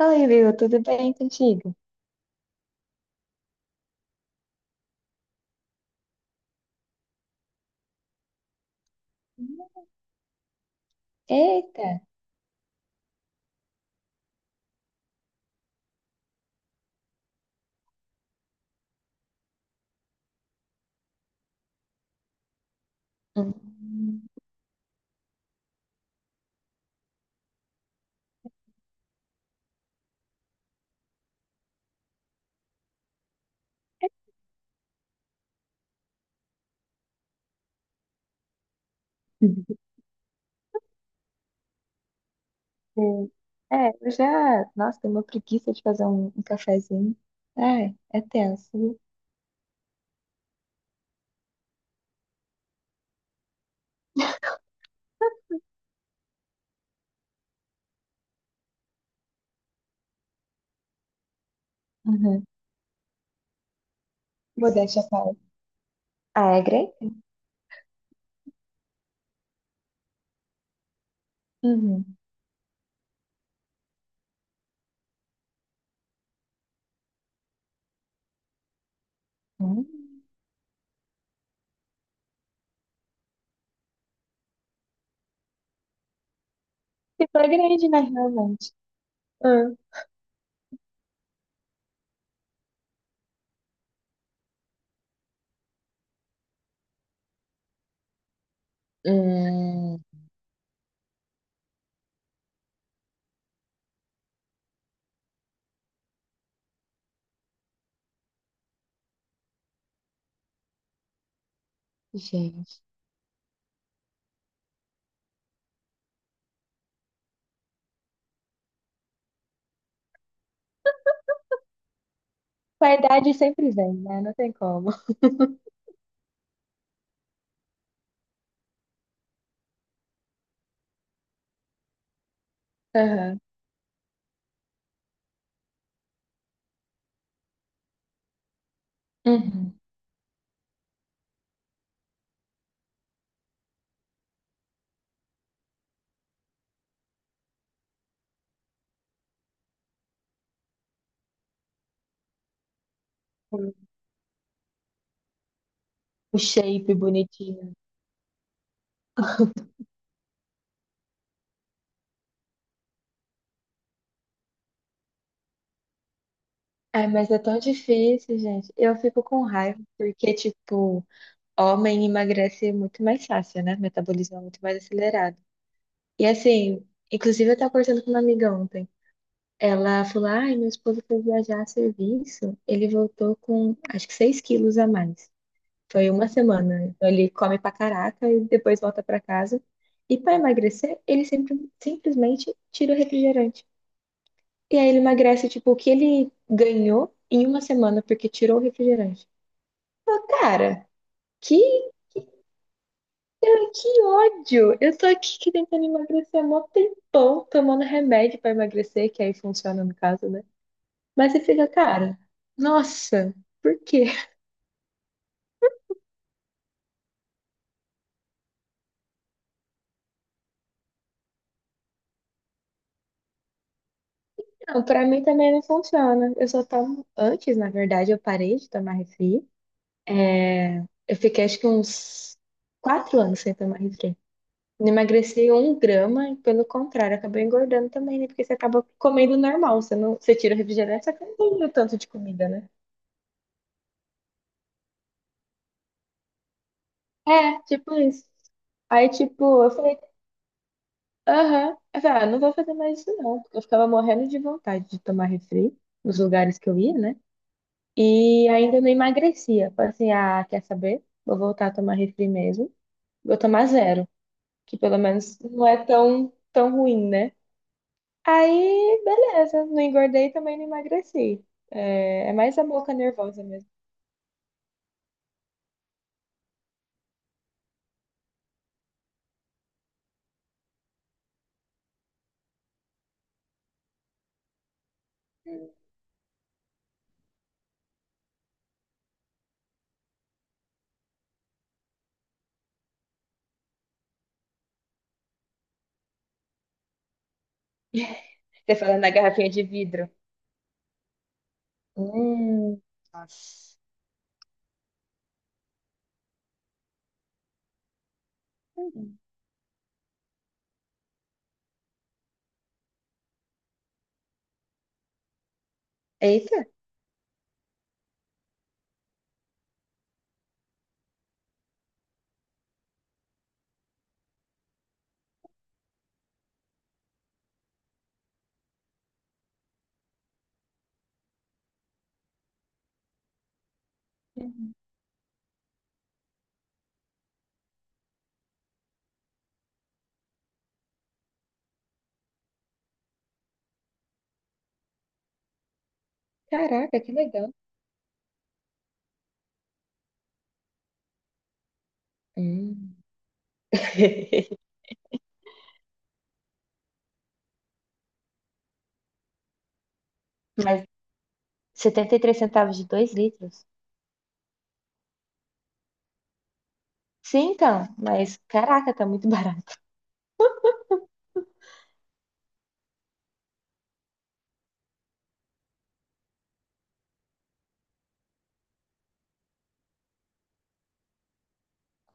Oi, Will, tudo bem contigo? Eita! Hum. É, eu já. Nossa, tenho uma preguiça de fazer um cafezinho. Ai, é tenso, viu? Uhum. Modéstia à parte. Alegre? Uhum. Hum. Ficou grande, né, realmente. Hum. Hum. Gente. Com a idade sempre vem, né? Não tem como. Aham. Uhum. O shape bonitinho. Ai, mas é tão difícil, gente. Eu fico com raiva, porque, tipo, homem emagrece muito mais fácil, né? Metabolismo é muito mais acelerado. E assim, inclusive eu tava conversando com uma amiga ontem. Ela falou: ai, meu esposo foi viajar a serviço, ele voltou com acho que 6 quilos a mais. Foi uma semana. Então ele come pra caraca e depois volta pra casa. E pra emagrecer, ele sempre, simplesmente tira o refrigerante. E aí ele emagrece, tipo, o que ele ganhou em uma semana porque tirou o refrigerante. Falei, cara, que, que ódio! Eu tô aqui que tentando emagrecer há mó tempão, tomando remédio pra emagrecer, que aí funciona no caso, né? Mas você fica, cara, nossa, por quê? Não, pra mim também não funciona. Eu só tomo antes, na verdade, eu parei de tomar refri. É, eu fiquei acho que uns 4 anos sem tomar refri. Não emagreci um grama e, pelo contrário, acabei engordando também, né? Porque você acaba comendo normal, você não, você tira o refrigerante, só que não tem o tanto de comida, né? É, tipo isso. Aí, tipo, eu falei, aham. Eu falei, ah, não vou fazer mais isso não, porque eu ficava morrendo de vontade de tomar refri nos lugares que eu ia, né? E ainda não emagrecia. Falei assim, ah, quer saber? Vou voltar a tomar refri mesmo. Vou tomar zero, que pelo menos não é tão ruim, né? Aí, beleza, não engordei e também não emagreci. É, é mais a boca nervosa mesmo. Você falando na garrafinha de vidro. Hum. Nossa. Eita. Caraca, que legal. Hum. Mas 73 centavos de 2 litros? Sim, então, mas caraca, tá muito barato.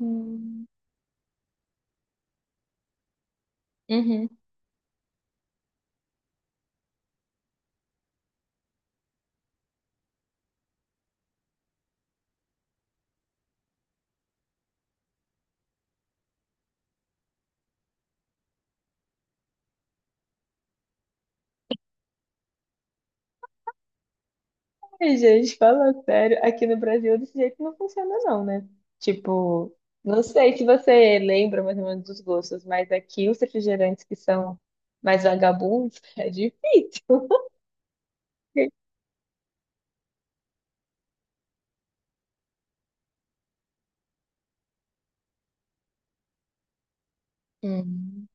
Hum. Uhum. Ai, gente, fala sério, aqui no Brasil desse jeito não funciona não, né? Tipo, não sei se você lembra mais ou menos dos gostos, mas aqui os refrigerantes que são mais vagabundos é difícil. Hum.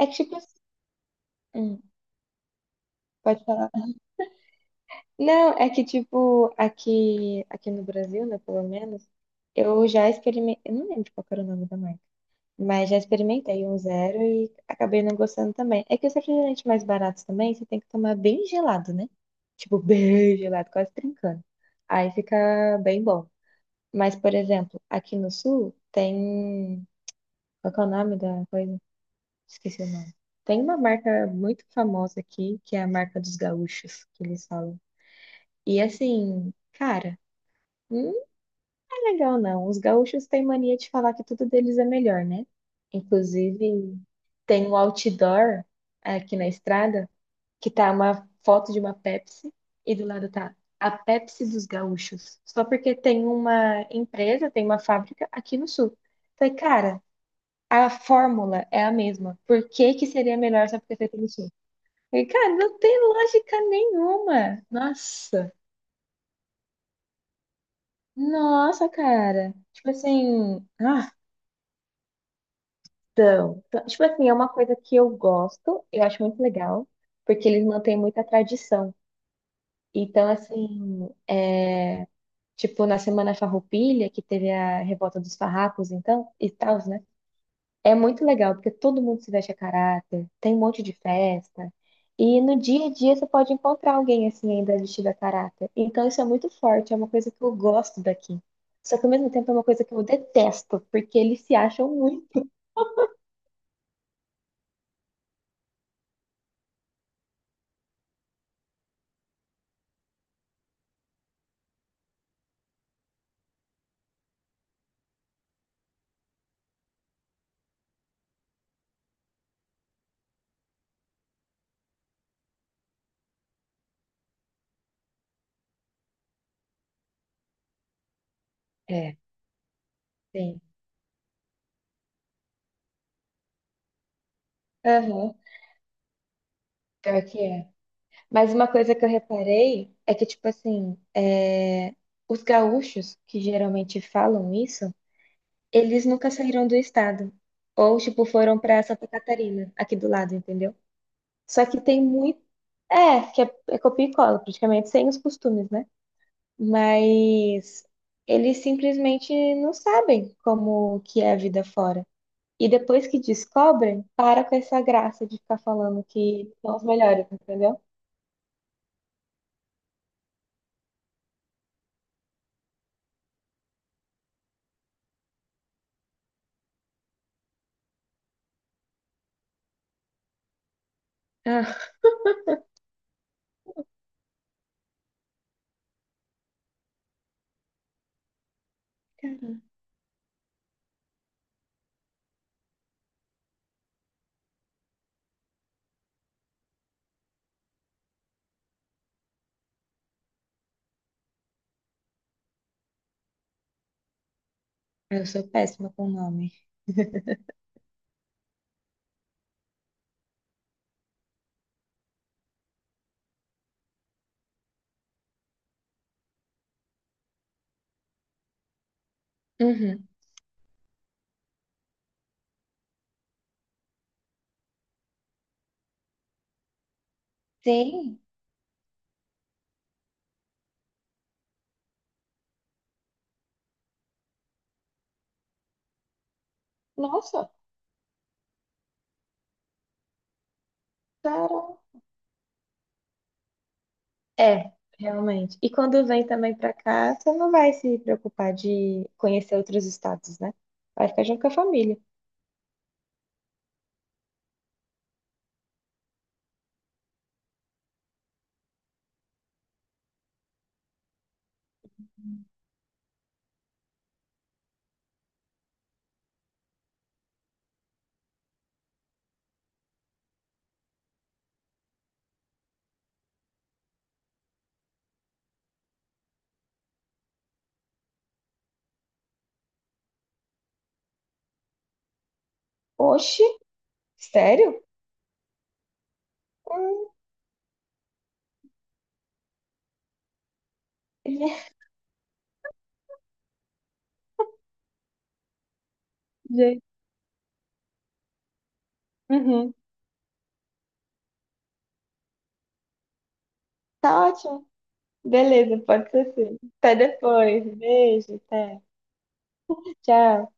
É que tipo assim, hum, pode falar. Não, é que tipo, aqui no Brasil, né, pelo menos, eu já experimentei, eu não lembro qual que era o nome da marca, mas já experimentei um zero e acabei não gostando também. É que os refrigerantes mais baratos também, você tem que tomar bem gelado, né? Tipo, bem gelado, quase trincando. Aí fica bem bom. Mas, por exemplo, aqui no Sul tem, qual que é o nome da coisa? Esqueci o nome. Tem uma marca muito famosa aqui, que é a marca dos gaúchos, que eles falam. E assim, cara, não é legal, não. Os gaúchos têm mania de falar que tudo deles é melhor, né? Inclusive, tem um outdoor aqui na estrada que tá uma foto de uma Pepsi e do lado tá a Pepsi dos gaúchos. Só porque tem uma empresa, tem uma fábrica aqui no sul. Falei, cara, a fórmula é a mesma. Por que que seria melhor só porque é feita no sul? Falei, cara, não tem lógica nenhuma. Nossa, nossa, cara. Tipo assim, ah. Então, tipo assim, é uma coisa que eu gosto, eu acho muito legal, porque eles mantêm muita tradição. Então, assim, é, tipo, na Semana Farroupilha, que teve a Revolta dos Farrapos, então, e tal, né? É muito legal, porque todo mundo se veste a caráter, tem um monte de festa, e no dia a dia você pode encontrar alguém, assim, ainda vestido a caráter. Então, isso é muito forte, é uma coisa que eu gosto daqui. Só que, ao mesmo tempo, é uma coisa que eu detesto, porque eles se acham muito. É. Sim. Aham. Pior que é. Mas uma coisa que eu reparei é que, tipo assim, é, os gaúchos, que geralmente falam isso, eles nunca saíram do estado. Ou, tipo, foram pra Santa Catarina, aqui do lado, entendeu? Só que tem muito. É, que é, é copia e cola, praticamente, sem os costumes, né? Mas eles simplesmente não sabem como que é a vida fora. E depois que descobrem, para com essa graça de ficar falando que são os melhores, entendeu? Ah. Eu sou péssima com nome. Uhum. Sim, nossa, cara. É, realmente. E quando vem também pra cá, você não vai se preocupar de conhecer outros estados, né? Vai ficar junto com a família. Oxi, sério? Hum, gente, uhum, tá ótimo. Beleza, pode ser sim. Até depois. Beijo, até. Tchau.